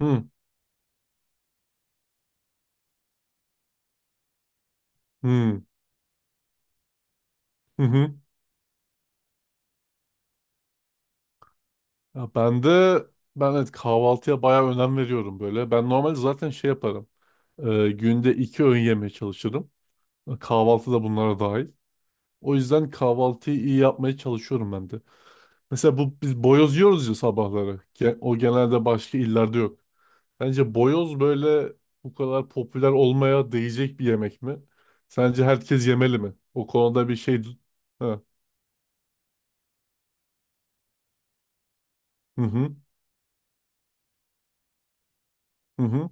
Hı hı hı. Hı. Ya ben evet, kahvaltıya bayağı önem veriyorum böyle. Ben normalde zaten şey yaparım. Ee, Günde iki öğün yemeye çalışırım. Kahvaltı da bunlara dahil. O yüzden kahvaltıyı iyi yapmaya çalışıyorum ben de. Mesela bu biz boyoz yiyoruz ya sabahları. O genelde başka illerde yok. Bence boyoz böyle bu kadar popüler olmaya değecek bir yemek mi? Sence herkes yemeli mi? O konuda bir şey... Ha. Hı hı hı hı.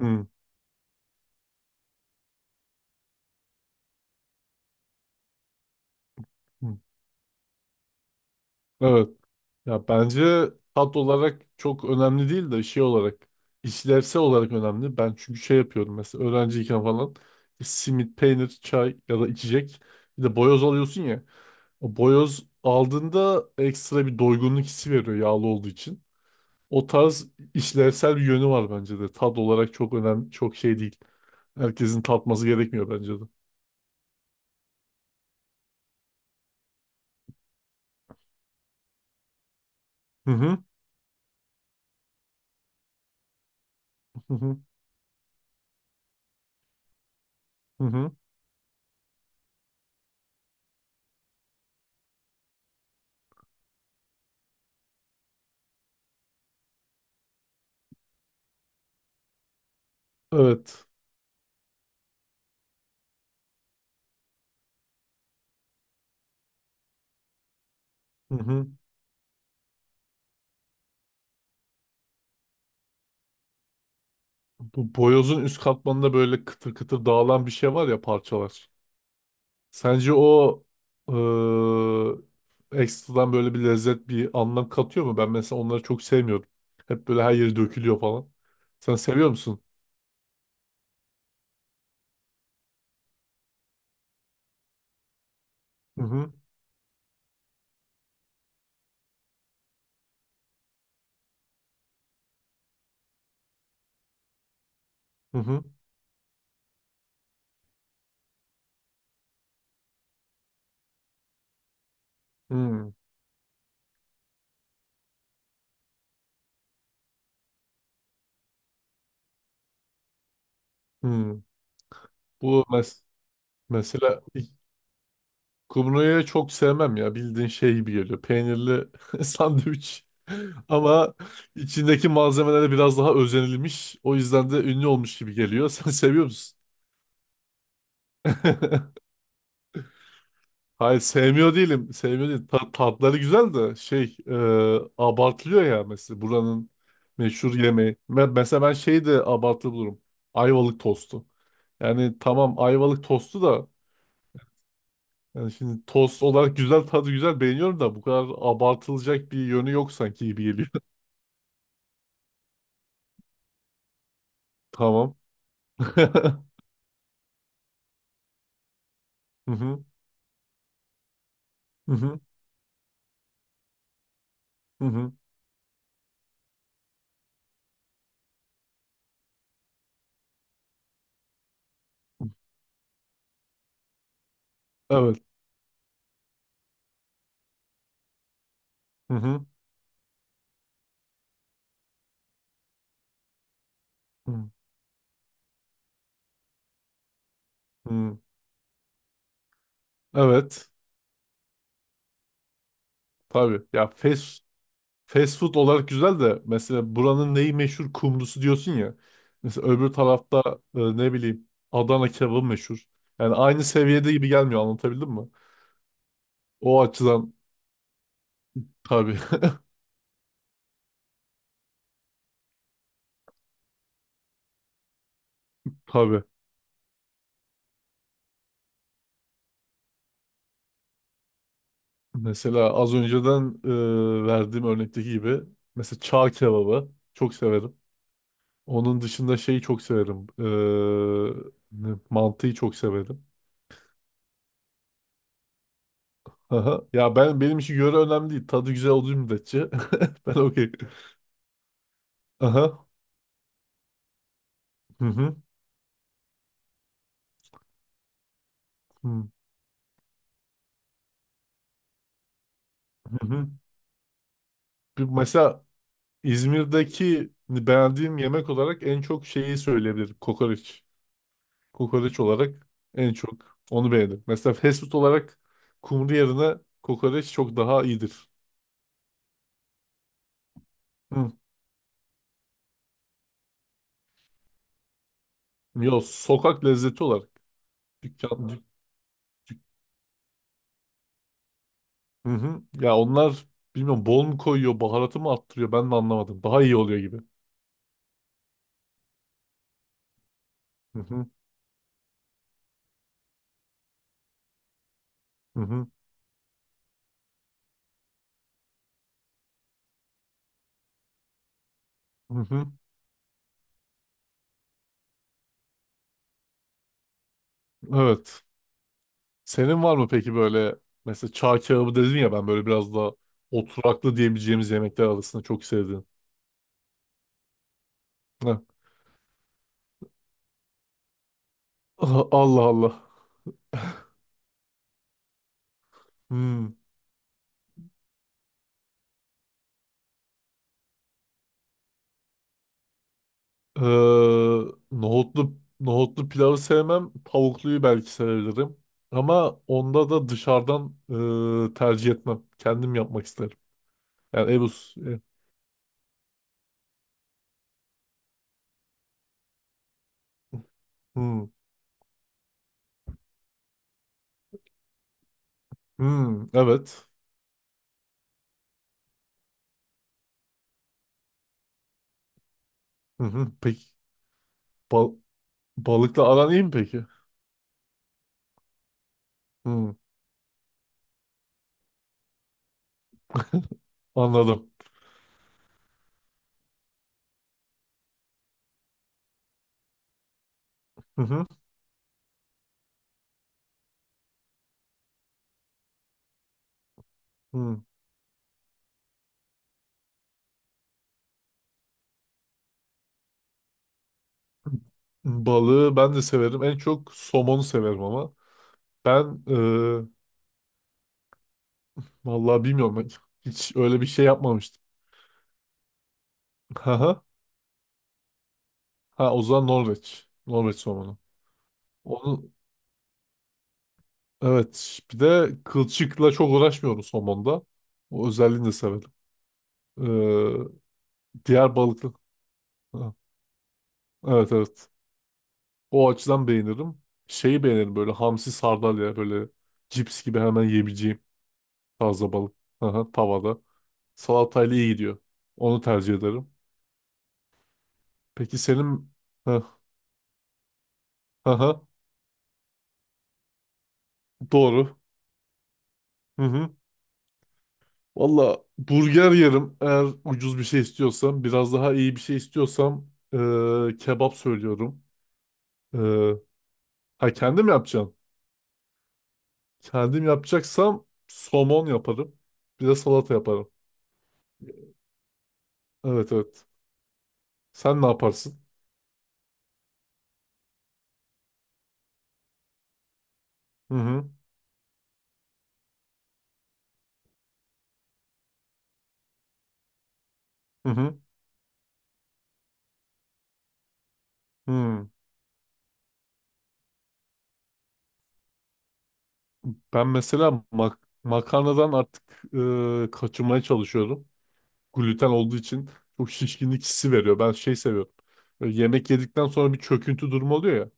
Hı. Hı. Evet. Ya bence tat olarak çok önemli değil de şey olarak işlevsel olarak önemli. Ben çünkü şey yapıyorum, mesela öğrenciyken falan işte simit, peynir, çay ya da içecek, bir de boyoz alıyorsun ya. O boyoz aldığında ekstra bir doygunluk hissi veriyor yağlı olduğu için. O tarz işlevsel bir yönü var bence de. Tat olarak çok önemli, çok şey değil. Herkesin tatması gerekmiyor bence de. Hı hı, hı hı, hı hı. Evet. Hı hı. Bu boyozun üst katmanında böyle kıtır kıtır dağılan bir şey var ya, parçalar. Sence o ekstradan böyle bir lezzet, bir anlam katıyor mu? Ben mesela onları çok sevmiyorum. Hep böyle her yeri dökülüyor falan. Sen seviyor musun? Hı hı. Hı hı. Hı hı. Bu mes Mesela kumruyu çok sevmem ya. Bildiğin şey gibi geliyor. Peynirli sandviç. Ama içindeki malzemelere biraz daha özenilmiş, o yüzden de ünlü olmuş gibi geliyor. Sen seviyor musun? Hayır, sevmiyor değilim. Sevmiyor değil. Tatları güzel de abartılıyor ya mesela buranın meşhur yemeği. Ve mesela ben şeyi de abartılı bulurum. Ayvalık tostu. Yani tamam, ayvalık tostu da yani şimdi tost olarak güzel, tadı güzel, beğeniyorum da bu kadar abartılacak bir yönü yok sanki gibi geliyor. Tamam. Hı hı, hı hı, hı hı. Evet. Hı hı, hı hı. Evet. Tabii. Fast food olarak güzel de mesela buranın neyi meşhur, kumrusu diyorsun ya. Mesela öbür tarafta ne bileyim Adana kebabı meşhur. Yani aynı seviyede gibi gelmiyor, anlatabildim mi? O açıdan tabii, tabii. Mesela az önceden verdiğim örnekteki gibi mesela çağ kebabı çok severim. Onun dışında şeyi çok severim. Mantıyı çok severim. Aha. Ya ben, benim için göre önemli değil. Tadı güzel olduğu müddetçe ben okey. Aha. Hı hı. Hı. Hı hı. Mesela İzmir'deki beğendiğim yemek olarak en çok şeyi söyleyebilirim. Kokoreç. Kokoreç olarak en çok onu beğendim. Mesela fast food olarak kumru yerine kokoreç çok daha iyidir. Hı. Yo, sokak lezzeti olarak. Dükkan, dük- Hı hı. Ya onlar, bilmiyorum bol mu koyuyor, baharatı mı arttırıyor, ben de anlamadım. Daha iyi oluyor gibi. Hı hı. Hı hı. Hı hı. Evet. Senin var mı peki böyle, mesela çağ kebabı dedin ya, ben böyle biraz daha oturaklı diyebileceğimiz yemekler arasında çok sevdiğim. Heh. Aha, Allah Allah. Hmm. Ee, nohutlu pilavı sevmem. Tavukluyu belki sevebilirim. Ama onda da dışarıdan tercih etmem. Kendim yapmak isterim. Yani ev e, hmm. Hmm. Evet. Hı hı. Peki. Bal- Balıkla aran iyi mi peki? Hmm. Anladım. Hı hı. Hı. Balığı ben de severim. En çok somonu severim ama. Ben e, Vallahi bilmiyorum. Hiç öyle bir şey yapmamıştım. Haha. Ha o zaman Norveç. Norveç somonu. Onu, evet, bir de kılçıkla çok uğraşmıyorum somonda. O özelliğini de severim. E, diğer balıklı. Ha, Evet evet. O açıdan beğenirim. Şeyi beğenirim böyle, hamsi, sardalya, böyle cips gibi hemen yiyebileceğim taze balık. Haha. Tavada. Salatayla iyi gidiyor. Onu tercih ederim. Peki senin... Heh, aha, doğru. Hı hı. Valla burger yerim eğer ucuz bir şey istiyorsam. Biraz daha iyi bir şey istiyorsam kebap söylüyorum. Eee, ha, kendim yapacağım. Kendim yapacaksam somon yaparım. Bir de salata yaparım. Evet evet. Sen ne yaparsın? Hı hı. Hı hı. Hı. Ben mesela makarnadan artık kaçınmaya çalışıyorum. Gluten olduğu için çok şişkinlik hissi veriyor. Ben şey seviyorum. Böyle yemek yedikten sonra bir çöküntü durumu oluyor ya.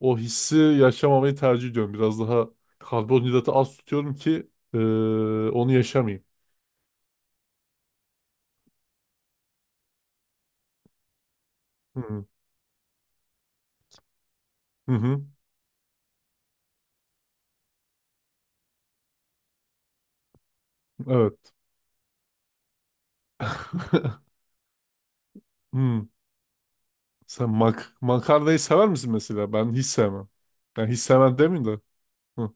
O hissi yaşamamayı tercih ediyorum. Biraz daha karbonhidratı az tutuyorum ki onu yaşamayayım. Hı hı. Hı hı. Evet. Hmm. Sen makarnayı sever misin mesela? Ben hiç sevmem. Ben hiç sevmem demeyeyim de. Hı.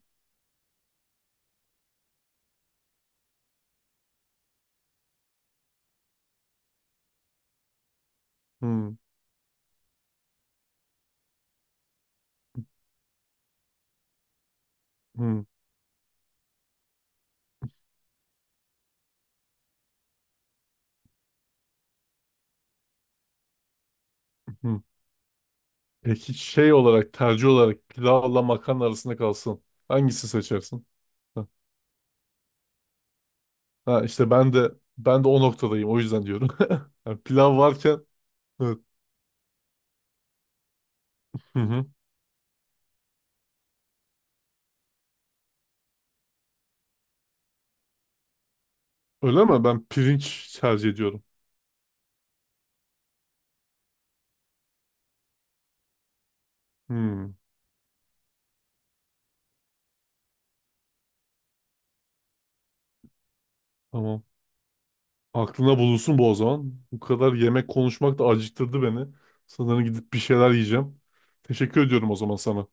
Hı. Hı. Hı. Peki şey olarak, tercih olarak pilavla makarna arasında kalsın. Hangisini seçersin? Ha işte ben de Ben de o noktadayım, o yüzden diyorum. Yani pilav varken, evet. Hı hı. Öyle mi? Ben pirinç tercih ediyorum. Hmm, tamam. Aklına bulunsun bu o zaman. Bu kadar yemek konuşmak da acıktırdı beni. Sanırım gidip bir şeyler yiyeceğim. Teşekkür ediyorum o zaman sana.